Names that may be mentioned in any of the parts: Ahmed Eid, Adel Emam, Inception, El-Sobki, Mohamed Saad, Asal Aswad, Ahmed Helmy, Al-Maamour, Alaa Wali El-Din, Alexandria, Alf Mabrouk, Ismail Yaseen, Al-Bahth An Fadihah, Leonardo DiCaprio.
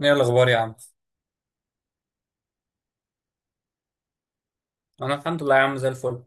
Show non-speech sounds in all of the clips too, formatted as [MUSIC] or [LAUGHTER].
ايه الاخبار يا عم؟ انا الحمد لله يا عم، زي الفل.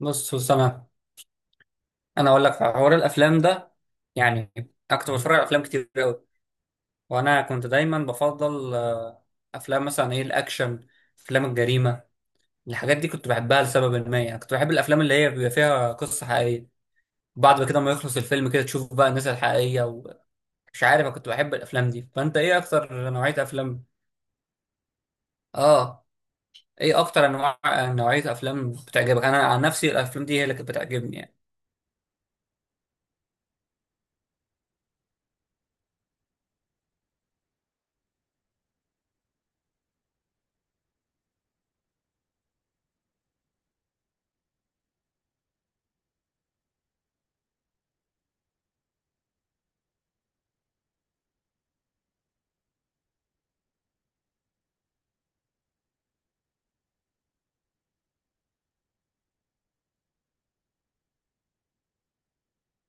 بص هسام، انا اقول لك حوار الافلام ده. يعني انا كنت بتفرج على افلام كتير قوي، وانا كنت دايما بفضل افلام مثلا ايه الاكشن، افلام الجريمه. الحاجات دي كنت بحبها لسبب ما، يعني كنت بحب الافلام اللي هي بيبقى فيها قصه حقيقيه. بعد كده ما يخلص الفيلم كده تشوف بقى الناس الحقيقيه ومش عارف. انا كنت بحب الافلام دي، فانت ايه اكتر نوعيه افلام؟ اه، ايه اكتر انواع نوعيه افلام بتعجبك؟ انا عن نفسي الافلام دي هي اللي كانت بتعجبني يعني.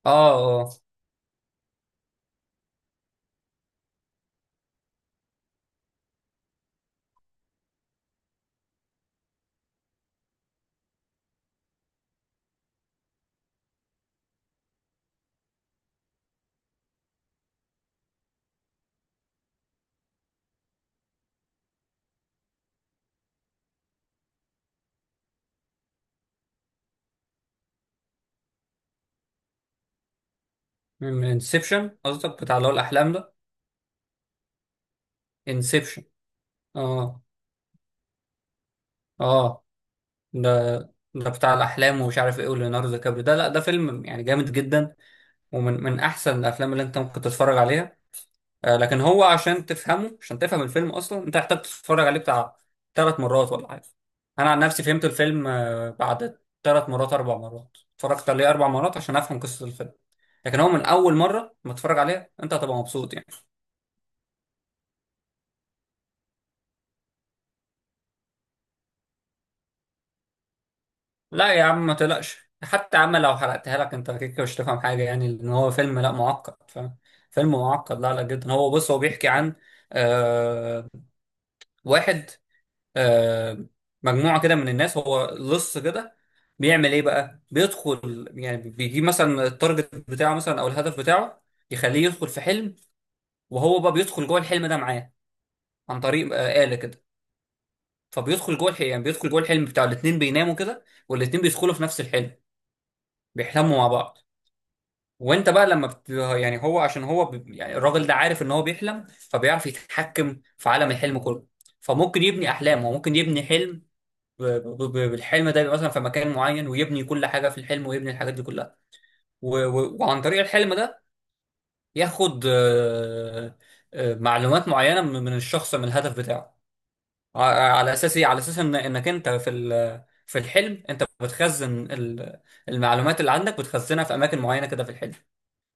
اه، اه، انسبشن قصدك، بتاع اللي هو الاحلام ده؟ انسبشن. اه. اه. ده ده بتاع الاحلام ومش عارف ايه، وليوناردو دي كابريو ده. لا ده فيلم يعني جامد جدا، ومن من احسن الافلام اللي انت ممكن تتفرج عليها. آه، لكن هو عشان تفهمه، عشان تفهم الفيلم اصلا انت محتاج تتفرج عليه بتاع ثلاث مرات ولا حاجه. انا عن نفسي فهمت الفيلم آه بعد ثلاث مرات، اربع مرات اتفرجت عليه، اربع مرات عشان افهم قصه الفيلم. لكن هو من اول مره ما تتفرج عليه انت هتبقى مبسوط يعني. لا يا عم ما تقلقش، حتى يا عم لو حرقتها لك انت كده مش هتفهم حاجه، يعني لان هو فيلم، لا معقد فاهم؟ فيلم معقد، لا لا جدا. هو بص، هو بيحكي عن آه واحد، آه مجموعه كده من الناس. هو لص كده، بيعمل ايه بقى؟ بيدخل يعني بيجيب مثلا التارجت بتاعه مثلا او الهدف بتاعه، يخليه يدخل في حلم، وهو بقى بيدخل جوه الحلم ده معاه عن طريق آه آلة كده. فبيدخل جوه الحلم، يعني بيدخل جوه الحلم بتاع الاتنين، بيناموا كده والاتنين بيدخلوا في نفس الحلم، بيحلموا مع بعض. وانت بقى لما يعني هو عشان هو يعني الراجل ده عارف ان هو بيحلم، فبيعرف يتحكم في عالم الحلم كله. فممكن يبني احلام، هو ممكن يبني حلم بالحلم ده، يبقى مثلا في مكان معين ويبني كل حاجه في الحلم ويبني الحاجات دي كلها. وعن طريق الحلم ده ياخد آه، معلومات معينه من الشخص، من الهدف بتاعه. على اساس ايه؟ على اساس ان انك انت في في الحلم انت بتخزن المعلومات اللي عندك، بتخزنها في اماكن معينه كده في الحلم.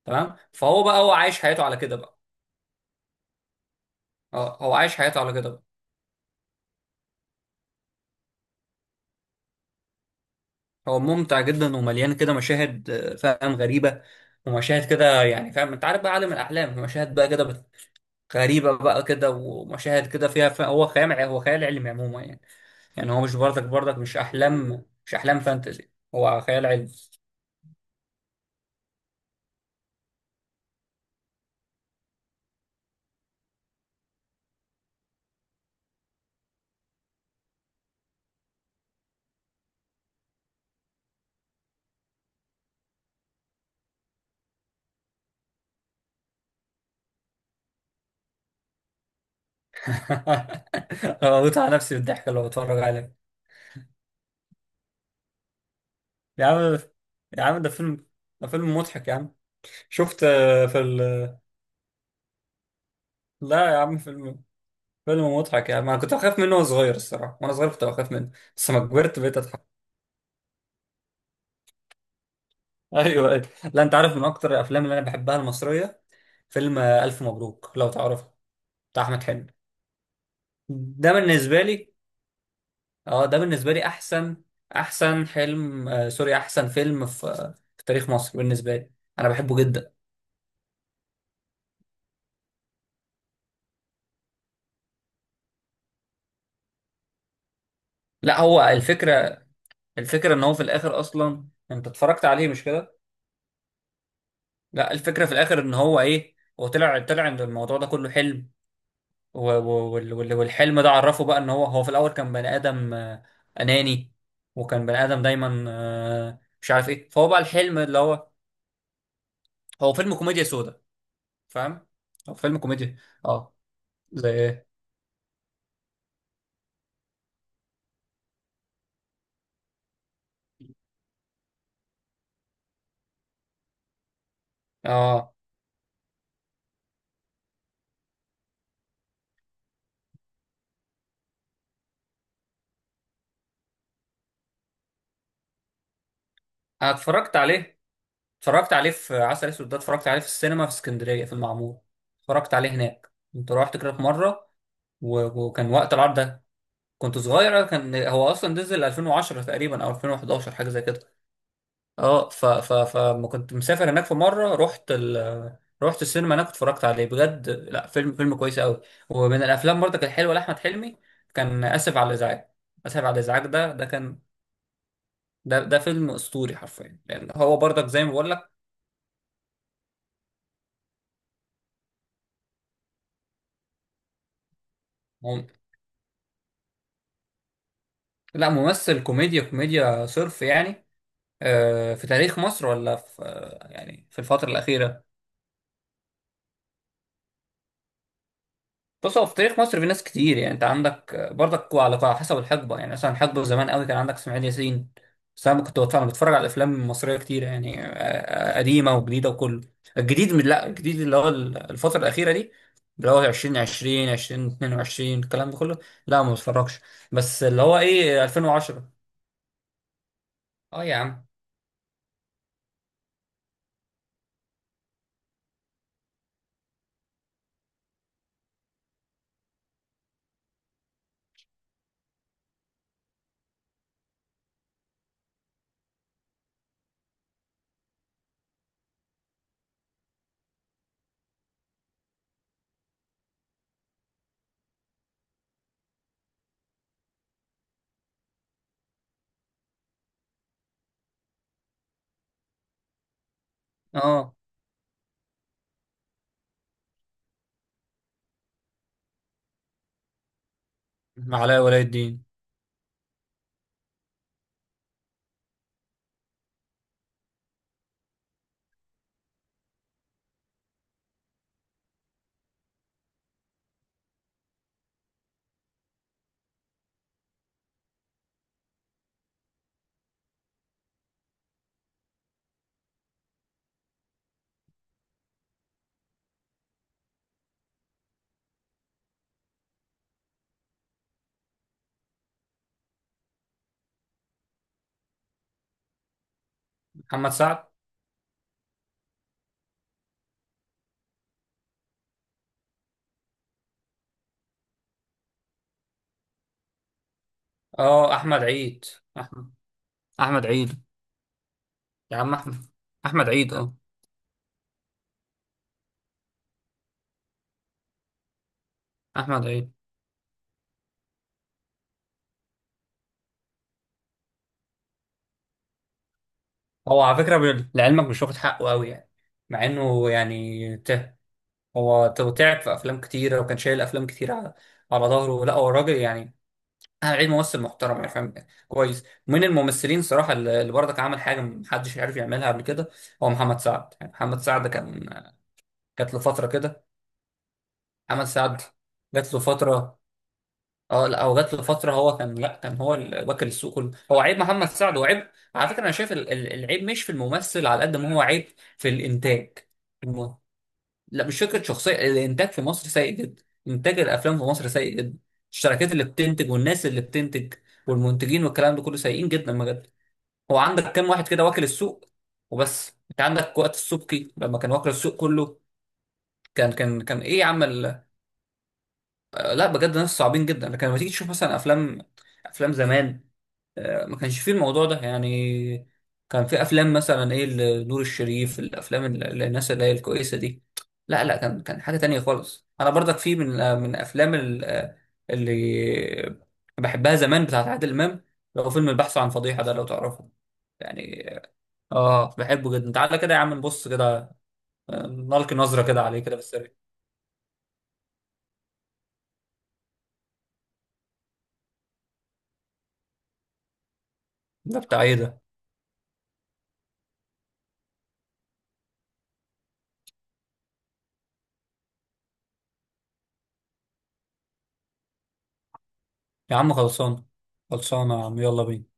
تمام؟ فهو بقى هو عايش حياته على كده بقى. اه هو عايش حياته على كده بقى. هو ممتع جدا، ومليان كده مشاهد آه، فاهم، غريبة، ومشاهد كده يعني فاهم، انت عارف بقى عالم الأحلام، مشاهد بقى كده غريبة بقى كده، ومشاهد كده فيها. هو خيال هو خيال علمي عموما يعني. يعني هو مش برضك مش أحلام، مش أحلام فانتزي، هو خيال علمي. [LAUGHS] أنا بموت على نفسي بالضحك لو بتفرج عليه. يا عم، يا عم ده فيلم، ده فيلم مضحك يا عم. شفت آه، لا يا عم، فيلم، فيلم مضحك يعني، ما كنت بخاف منه وانا صغير. الصراحه وانا صغير كنت بخاف منه، بس لما كبرت بقيت اضحك. [LAUGHS] ايوه ايوه. لا انت عارف من اكتر الافلام اللي انا بحبها المصريه، فيلم آه، الف مبروك لو تعرفه. بتاع احمد حلمي، ده بالنسبه لي، اه ده بالنسبه لي احسن، احسن حلم آه سوري احسن فيلم في آه، في تاريخ مصر بالنسبه لي. انا بحبه جدا. لا هو الفكره، الفكره ان هو في الاخر، اصلا انت اتفرجت عليه مش كده. لا الفكره في الاخر ان هو ايه، هو طلع ان الموضوع ده كله حلم. والحلم ده عرفه بقى ان هو في الاول كان بني ادم آه، اناني، وكان بني ادم دايما آه، مش عارف ايه. فهو بقى الحلم اللي هو. هو فيلم كوميديا سودا، فاهم. هو فيلم كوميديا. اه. زي ايه؟ اه انا اتفرجت عليه، اتفرجت عليه في عسل اسود ده. اتفرجت عليه في السينما في اسكندريه في المعمور، اتفرجت عليه هناك، كنت رحت كده في مره. و- وكان وقت العرض ده كنت صغير. كان هو اصلا نزل 2010 تقريبا او 2011 حاجه زي كده. اه ف ف فما كنت مسافر هناك في مره، رحت رحت السينما هناك اتفرجت عليه بجد. لا فيلم، فيلم كويس قوي. ومن الافلام برضه كانت حلوه لاحمد حلمي، كان اسف على الازعاج. اسف على الازعاج، ده كان، ده فيلم اسطوري حرفيا، لان هو برضك زي ما بقول لك. مم- لا ممثل كوميديا، كوميديا صرف يعني آه، في تاريخ مصر ولا في آه، يعني في الفتره الاخيره؟ بص هو في تاريخ مصر في ناس كتير يعني، انت عندك برضك على على حسب الحقبه. يعني مثلا حقبه زمان قوي كان عندك اسماعيل ياسين. بس انا كنت بتفرج، انا بتفرج على الافلام المصريه كتير يعني آه، آه، قديمه وجديده وكله. الجديد من لا، الجديد اللي هو الفتره الاخيره دي، اللي هو 2020 2022 الكلام ده كله، لا ما بتفرجش. بس اللي هو ايه 2010. اه يا عم، اه علاء ولي الدين، محمد سعد، اه احمد عيد، احمد، احمد عيد، يا عم احمد، احمد عيد، اه احمد عيد. هو على فكرة لعلمك مش واخد حقه قوي يعني، مع انه يعني ته، هو تعب في افلام كتيرة، وكان شايل افلام كتير على على ظهره. لا هو راجل يعني، انا عيد ممثل محترم يعني فاهم، كويس، من الممثلين صراحة اللي برضك عمل حاجة محدش عارف يعملها قبل كده، هو محمد سعد. يعني محمد سعد كان جات له فترة كده. محمد سعد جات له فترة، اه. لا هو جات له فتره، هو كان، لا كان هو واكل السوق كله هو، عيب محمد سعد وعيب. على فكره انا شايف العيب مش في الممثل، على قد ما هو عيب في الانتاج. الم- لا مش فكره شخصيه، الانتاج في مصر سيء جدا، انتاج الافلام في مصر سيء جدا. الشركات اللي بتنتج والناس اللي بتنتج والمنتجين والكلام ده كله سيئين جدا بجد. هو عندك كام واحد كده واكل السوق وبس. انت عندك وقت السبكي لما كان واكل السوق كله، كان كان ايه يا عم؟ لا بجد ناس صعبين جدا. لكن لما تيجي تشوف مثلا افلام، افلام زمان آه، ما كانش فيه الموضوع ده يعني. كان في افلام مثلا ايه لنور الشريف، الافلام اللي الناس اللي هي الكويسه دي، لا لا كان، كان حاجه تانية خالص. انا برضك في من آه، من افلام آه، اللي بحبها زمان بتاعت عادل امام، لو فيلم البحث عن فضيحه ده لو تعرفه يعني. اه بحبه جدا، تعالى كده يا عم نبص كده آه، نلقي نظره كده عليه كده بالسريع. ده بتاع ايه ده؟ يا عم خلصان، خلصانة يا عم يلا بينا.